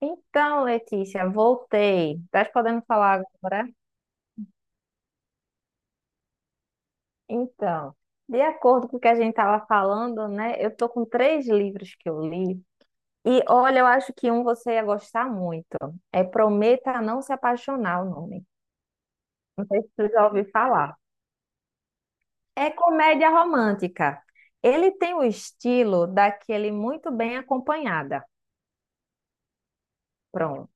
Então, Letícia, voltei. Tá podendo falar agora? Então, de acordo com o que a gente estava falando, né? Eu tô com 3 livros que eu li. E olha, eu acho que um você ia gostar muito. É Prometa Não Se Apaixonar, o nome. Não sei se você já ouviu falar. É comédia romântica. Ele tem o estilo daquele muito bem acompanhada. Pronto.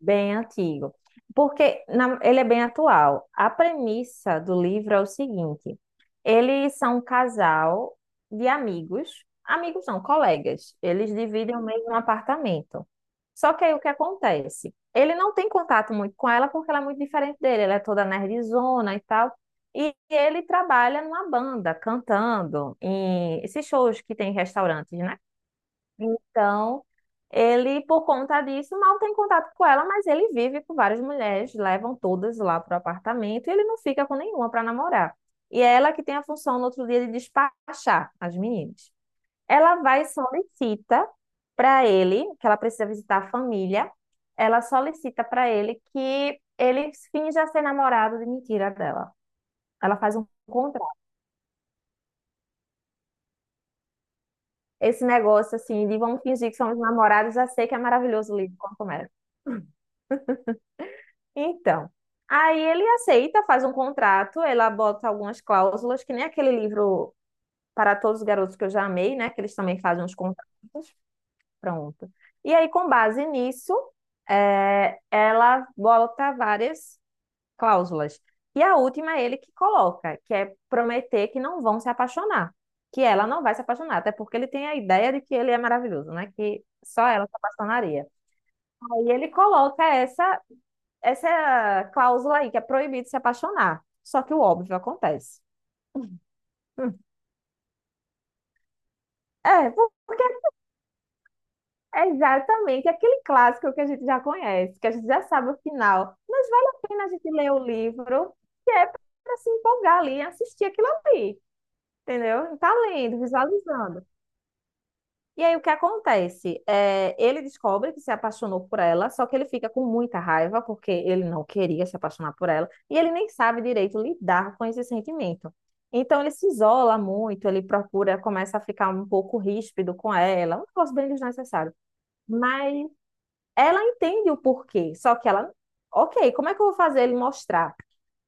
Bem antigo. Porque ele é bem atual. A premissa do livro é o seguinte: eles são um casal de amigos, amigos não, colegas. Eles dividem o mesmo apartamento. Só que aí o que acontece? Ele não tem contato muito com ela porque ela é muito diferente dele. Ela é toda nerdzona e tal. E ele trabalha numa banda, cantando em esses shows que tem em restaurantes, né? Então, ele, por conta disso, mal tem contato com ela, mas ele vive com várias mulheres, levam todas lá para o apartamento e ele não fica com nenhuma para namorar. E é ela que tem a função no outro dia de despachar as meninas. Ela vai e solicita para ele, que ela precisa visitar a família, ela solicita para ele que ele finja ser namorado de mentira dela. Ela faz um contrato. Esse negócio assim de vamos fingir que somos namorados, já sei que é maravilhoso o livro quando começa. Então, aí ele aceita, faz um contrato, ela bota algumas cláusulas, que nem aquele livro Para Todos os Garotos que eu já amei, né? Que eles também fazem uns contratos. Pronto. E aí, com base nisso, ela bota várias cláusulas. E a última é ele que coloca, que é prometer que não vão se apaixonar. Que ela não vai se apaixonar, até porque ele tem a ideia de que ele é maravilhoso, né? Que só ela se apaixonaria. Aí ele coloca essa cláusula aí, que é proibido se apaixonar. Só que o óbvio acontece. Hum. É, porque é exatamente aquele clássico que a gente já conhece, que a gente já sabe o final. Mas vale a pena a gente ler o livro, que é para se empolgar ali e assistir aquilo ali, entendeu? E tá lendo, visualizando. E aí o que acontece? Ele descobre que se apaixonou por ela, só que ele fica com muita raiva porque ele não queria se apaixonar por ela e ele nem sabe direito lidar com esse sentimento. Então ele se isola muito, ele procura, começa a ficar um pouco ríspido com ela, um negócio bem desnecessário. Mas ela entende o porquê, só que ela, ok, como é que eu vou fazer ele mostrar?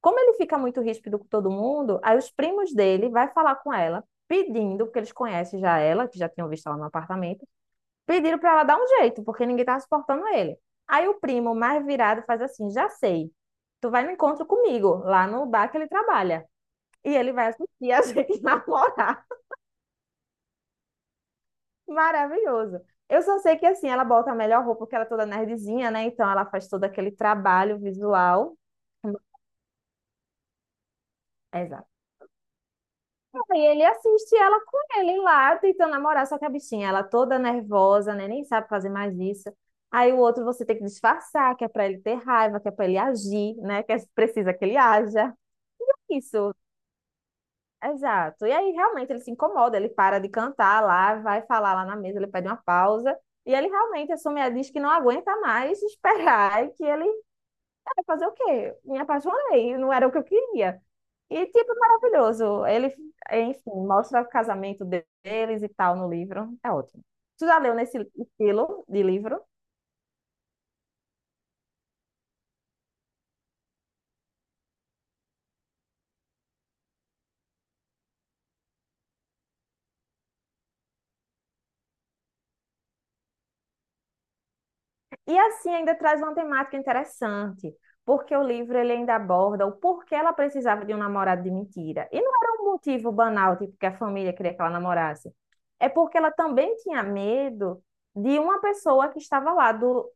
Como ele fica muito ríspido com todo mundo, aí os primos dele vai falar com ela, pedindo, porque eles conhecem já ela, que já tinham visto ela no apartamento. Pediram para ela dar um jeito, porque ninguém tava suportando ele. Aí o primo, mais virado, faz assim: já sei, tu vai no encontro comigo, lá no bar que ele trabalha. E ele vai assistir a gente namorar. Maravilhoso. Eu só sei que assim, ela bota a melhor roupa, porque ela é toda nerdzinha, né? Então ela faz todo aquele trabalho visual. Exato. E ele assiste ela com ele lá, tentando namorar, só que a bichinha, ela toda nervosa, né? Nem sabe fazer mais isso. Aí o outro você tem que disfarçar, que é pra ele ter raiva, que é pra ele agir, né? Que é precisa que ele haja. Isso, exato. E aí realmente ele se incomoda, ele para de cantar lá, vai falar lá na mesa, ele pede uma pausa. E ele realmente assume, diz que não aguenta mais esperar e que ele vai fazer o quê? Me apaixonei, não era o que eu queria. E, tipo, maravilhoso. Ele, enfim, mostra o casamento deles e tal no livro. É ótimo. Tu já leu nesse estilo de livro? E, assim, ainda traz uma temática interessante, porque o livro ele ainda aborda o porquê ela precisava de um namorado de mentira. E não era um motivo banal, tipo, que a família queria que ela namorasse. É porque ela também tinha medo de uma pessoa que estava lá do,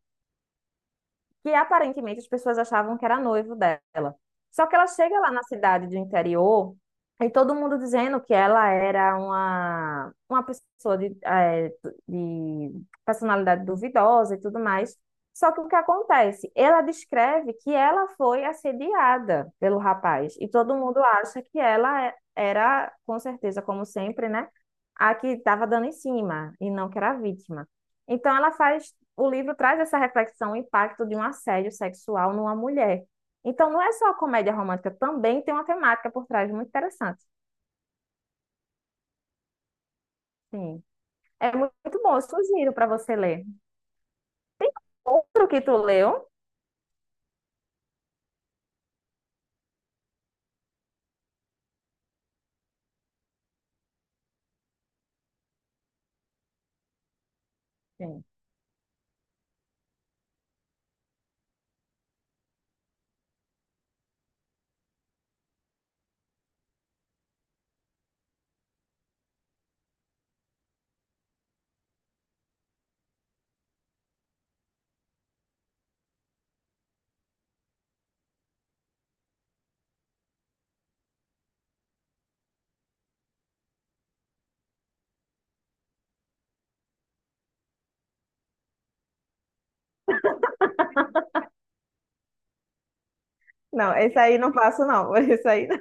que aparentemente as pessoas achavam que era noivo dela. Só que ela chega lá na cidade do interior e todo mundo dizendo que ela era uma pessoa de, de personalidade duvidosa e tudo mais. Só que o que acontece? Ela descreve que ela foi assediada pelo rapaz e todo mundo acha que ela era, com certeza, como sempre, né? A que estava dando em cima e não que era a vítima. Então ela faz o livro traz essa reflexão, o impacto de um assédio sexual numa mulher. Então, não é só a comédia romântica, também tem uma temática por trás muito interessante. Sim. É muito bom, eu sugiro para você ler. Outro que tu leu? Sim. Não, esse aí não passo, não. Esse aí não.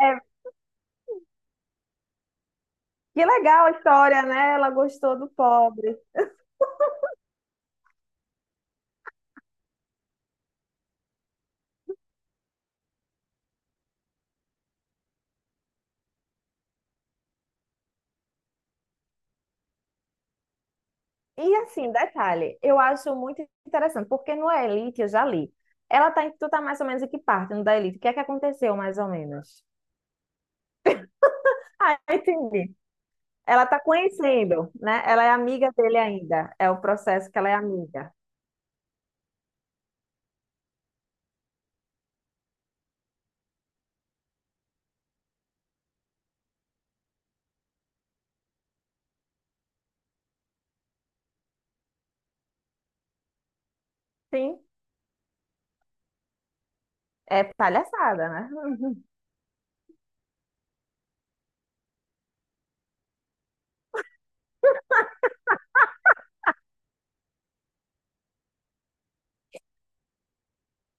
É, que legal a história, né? Ela gostou do pobre. E assim, detalhe, eu acho muito interessante, porque no Elite eu já li. Tu tá mais ou menos em que parte no da Elite? O que é que aconteceu, mais ou menos? Ah, entendi. Ela está conhecendo, né? Ela é amiga dele ainda. É o processo que ela é amiga. Sim, é palhaçada, né?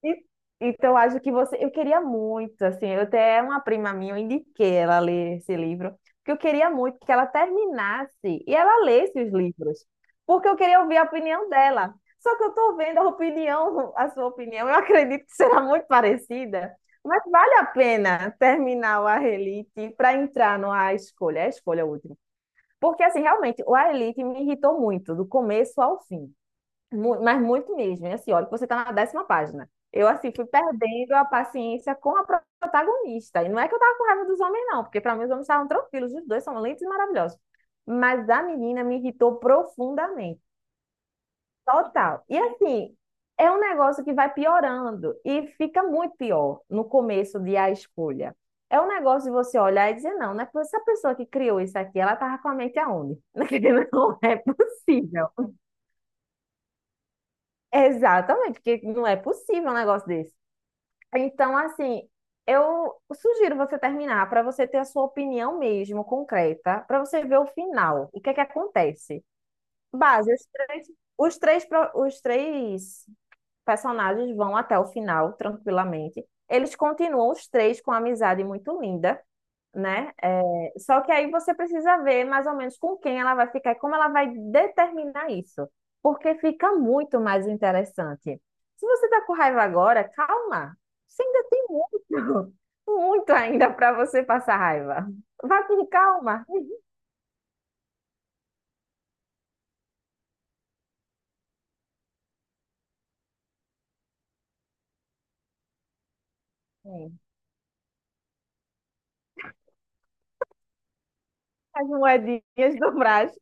E- Então, acho que você. Eu queria muito, assim. Eu até uma prima minha, eu indiquei ela ler esse livro, porque eu queria muito que ela terminasse e ela lesse os livros, porque eu queria ouvir a opinião dela. Só que eu tô vendo a opinião, a sua opinião, eu acredito que será muito parecida, mas vale a pena terminar o A Relite para entrar no A Escolha, é a escolha última. Porque, assim, realmente, o A Elite me irritou muito, do começo ao fim. Mas muito mesmo. E, assim, olha, que você está na décima página. Eu, assim, fui perdendo a paciência com a protagonista. E não é que eu tava com raiva dos homens, não, porque para mim os homens estavam tranquilos, os dois são lindos e maravilhosos. Mas a menina me irritou profundamente. Total. E assim, é um negócio que vai piorando e fica muito pior no começo de a escolha. É um negócio de você olhar e dizer, não, não é possível, essa pessoa que criou isso aqui, ela tava com a mente aonde? Não é possível. Exatamente, porque não é possível um negócio desse. Então, assim, eu sugiro você terminar para você ter a sua opinião mesmo, concreta, para você ver o final, o que é que acontece. Base, os três personagens vão até o final tranquilamente. Eles continuam os três com uma amizade muito linda, né? É, só que aí você precisa ver mais ou menos com quem ela vai ficar e como ela vai determinar isso, porque fica muito mais interessante. Se você tá com raiva agora, calma, você ainda tem muito, muito ainda para você passar raiva. Vai com calma. As moedinhas do braço.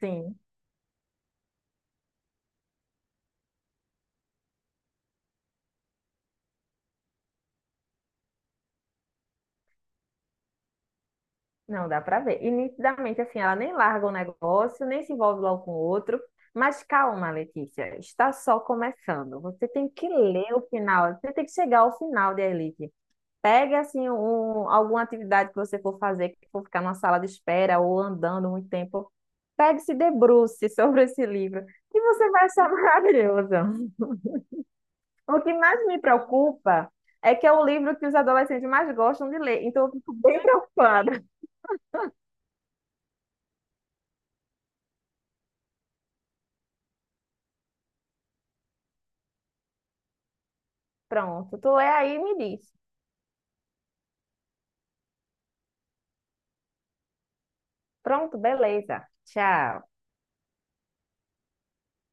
Sim. Não, dá pra ver. E nitidamente, assim, ela nem larga o negócio, nem se envolve logo com o outro. Mas calma, Letícia, está só começando. Você tem que ler o final, você tem que chegar ao final de Elite. Pegue, assim, um, alguma atividade que você for fazer, que for ficar numa sala de espera ou andando muito tempo. Pegue, e se debruce sobre esse livro, que você vai achar maravilhoso. O que mais me preocupa é que é o livro que os adolescentes mais gostam de ler, então eu fico bem preocupada. Pronto, tu lê aí e me diz. Pronto, beleza. Tchau.